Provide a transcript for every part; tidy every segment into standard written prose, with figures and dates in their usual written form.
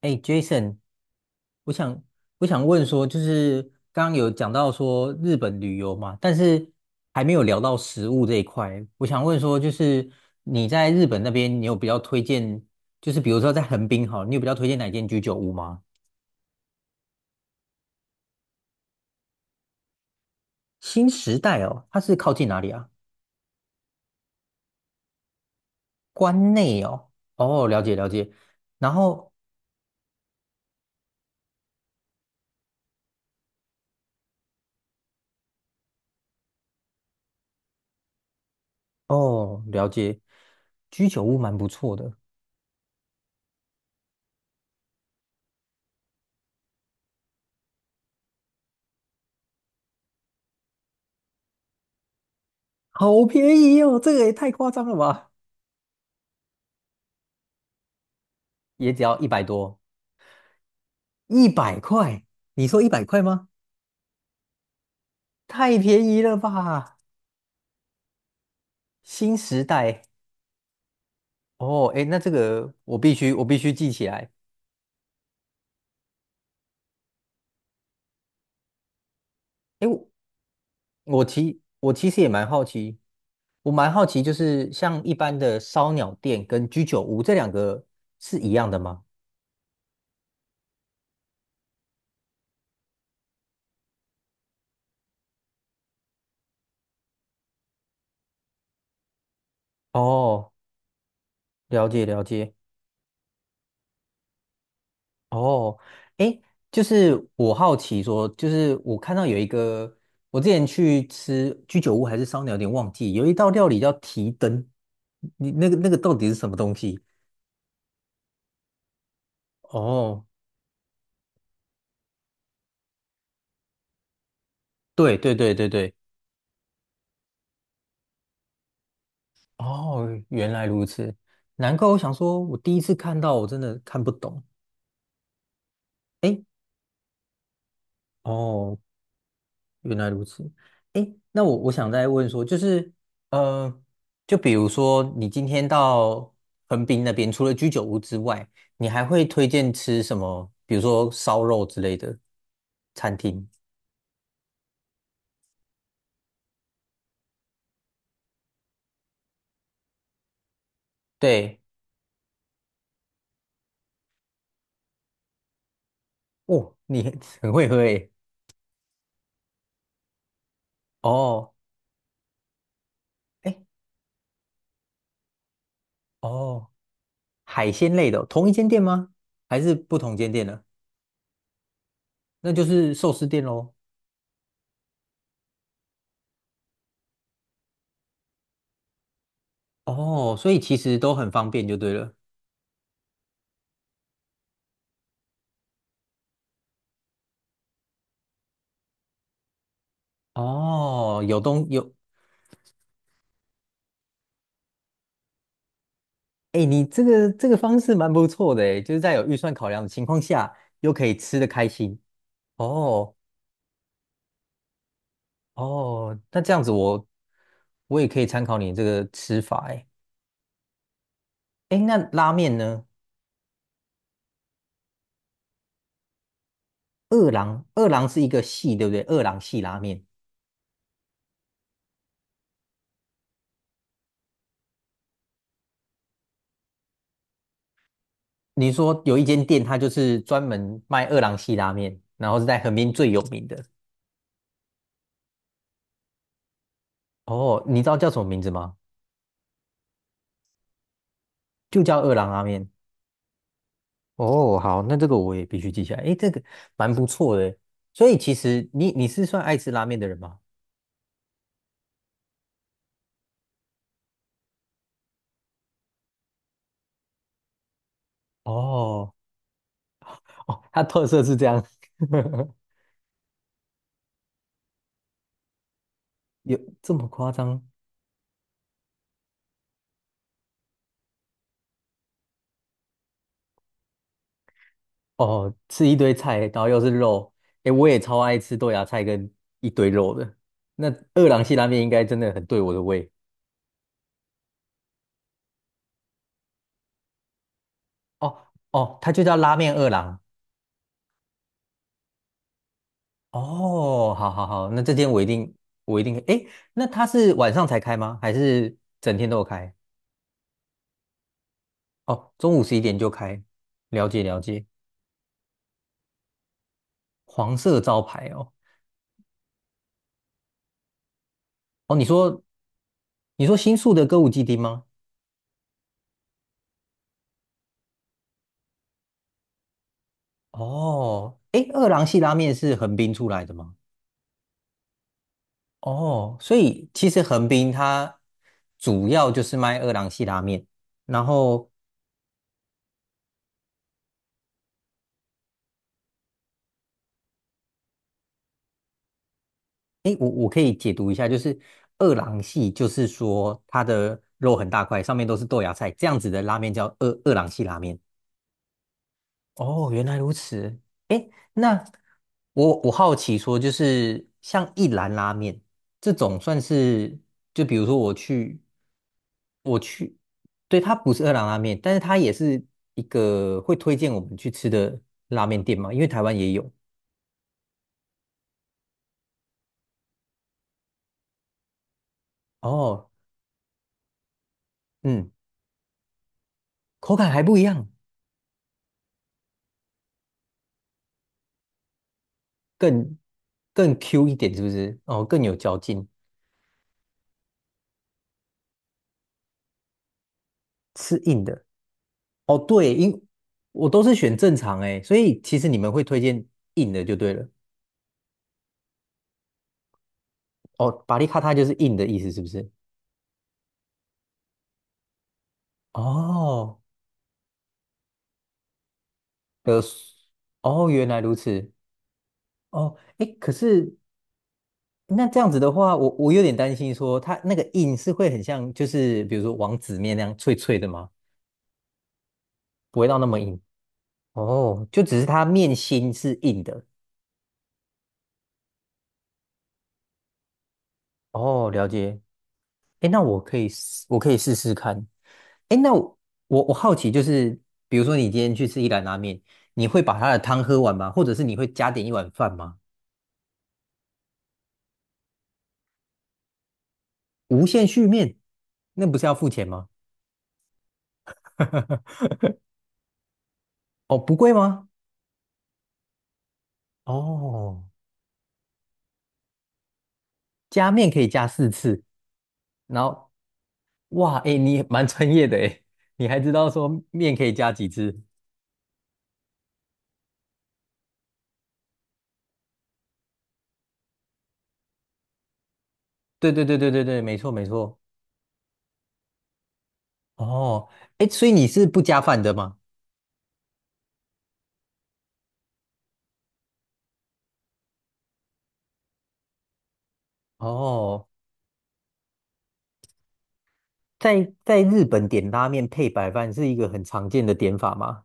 哎，Jason，我想我想问说，就是刚刚有讲到说日本旅游嘛，但是还没有聊到食物这一块。我想问说，就是你在日本那边，你有比较推荐，就是比如说在横滨哈，你有比较推荐哪间居酒屋吗？新时代哦，它是靠近哪里啊？关内哦，哦，了解了解。然后哦，了解，居酒屋蛮不错的，好便宜哦，这个也太夸张了吧，也只要100多。一百块，你说一百块吗？太便宜了吧！新时代哦，哎，那这个我必须记起来。哎，我其实也蛮好奇，我蛮好奇，就是像一般的烧鸟店跟居酒屋这两个是一样的吗？哦，了解了解。哦，诶，就是我好奇说，就是我看到有一个，我之前去吃居酒屋还是烧鸟，有点忘记，有一道料理叫提灯，你那个到底是什么东西？哦，对对对对对，哦，原来如此，难怪我想说，我第一次看到，我真的看不懂。诶，哦，原来如此，诶，那我想再问说，就是，呃，就比如说你今天到横滨那边，除了居酒屋之外，你还会推荐吃什么？比如说烧肉之类的餐厅？对，哦，你 很会喝诶。哦，诶，哦，海鲜类的哦，同一间店吗？还是不同间店呢？那就是寿司店喽。哦，所以其实都很方便就对了。哦，有东有哎，你这个方式蛮不错的哎，就是在有预算考量的情况下，又可以吃得开心。哦哦，那这样子我也可以参考你这个吃法哎。哎，那拉面呢？二郎是一个系，对不对？二郎系拉面，你说有一间店，它就是专门卖二郎系拉面，然后是在横滨最有名的。哦，你知道叫什么名字吗？就叫二郎拉面。哦，好，那这个我也必须记下来。诶，这个蛮不错的。所以其实你是算爱吃拉面的人吗？哦 哦，它特色是这样，有这么夸张？哦，吃一堆菜，然后又是肉。诶，我也超爱吃豆芽菜跟一堆肉的。那二郎系拉面应该真的很对我的胃。哦哦，它就叫拉面二郎。哦，好好好，那这间我一定。诶，那它是晚上才开吗？还是整天都有开？哦，中午11点就开，了解了解。黄色招牌哦，哦，你说新宿的歌舞伎町吗？哦，诶，二郎系拉面是横滨出来的吗？哦，所以其实横滨它主要就是卖二郎系拉面，然后诶，我可以解读一下，就是二郎系就是说它的肉很大块，上面都是豆芽菜，这样子的拉面叫二郎系拉面。哦，原来如此。诶，那我好奇说，就是像一兰拉面这种，算是就比如说我去，对，它不是二郎拉面，但是它也是一个会推荐我们去吃的拉面店嘛，因为台湾也有。哦，嗯，口感还不一样，更更 Q 一点，是不是？哦，更有嚼劲，吃硬的。哦，对，我都是选正常诶，所以其实你们会推荐硬的就对了。哦，巴利卡塔就是硬的意思，是不是？哦，呃，哦，原来如此。哦，哎，可是那这样子的话，我有点担心说，它那个硬是会很像，就是比如说王子面那样脆脆的吗？不会到那么硬。哦，就只是它面心是硬的。哦，了解。哎，那我可以试试看。哎，那我好奇就是，比如说你今天去吃一兰拉面，你会把它的汤喝完吗？或者是你会加点一碗饭吗？无限续面，那不是要付钱吗？哦，不贵吗？哦，加面可以加四次，然后哇，哎，你蛮专业的哎，你还知道说面可以加几次？对对对对对对，没错没错。哦，哎，所以你是不加饭的吗？哦，在日本点拉面配白饭是一个很常见的点法吗？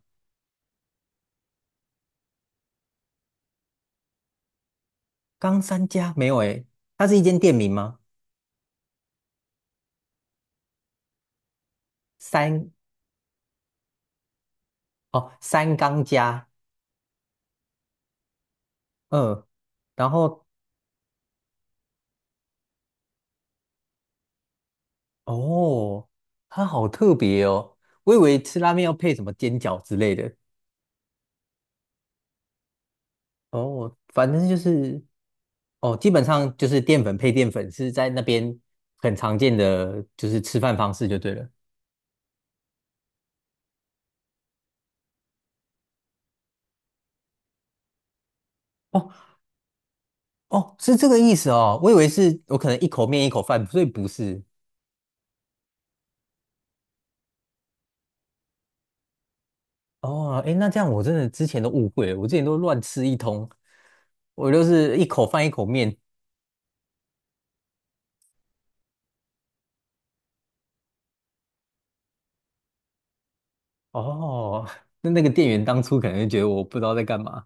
冈三加没有哎，它是一间店名吗？三哦，三冈加嗯，然后哦，它好特别哦，我以为吃拉面要配什么煎饺之类的。哦，反正就是，哦，基本上就是淀粉配淀粉是在那边很常见的，就是吃饭方式就对了。哦哦，是这个意思哦，我以为是我可能一口面一口饭，所以不是。哦，哎，那这样我真的之前都误会了，我之前都乱吃一通，我就是一口饭一口面。哦，那个店员当初可能就觉得我不知道在干嘛。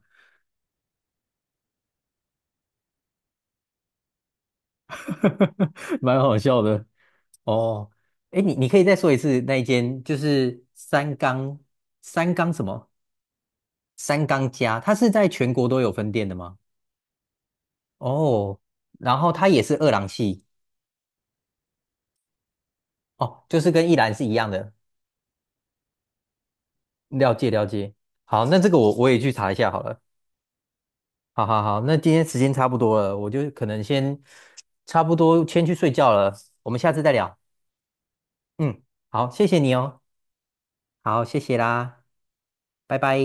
蛮好笑的哦。哎，你可以再说一次那一间，就是三缸什么三缸家，它是在全国都有分店的吗？哦，然后它也是二郎系哦，就是跟一兰是一样的。了解了解，好，那这个我也去查一下好了。好好好，那今天时间差不多了，我就可能先差不多先去睡觉了，我们下次再聊。嗯，好，谢谢你哦，好，谢谢啦，拜拜。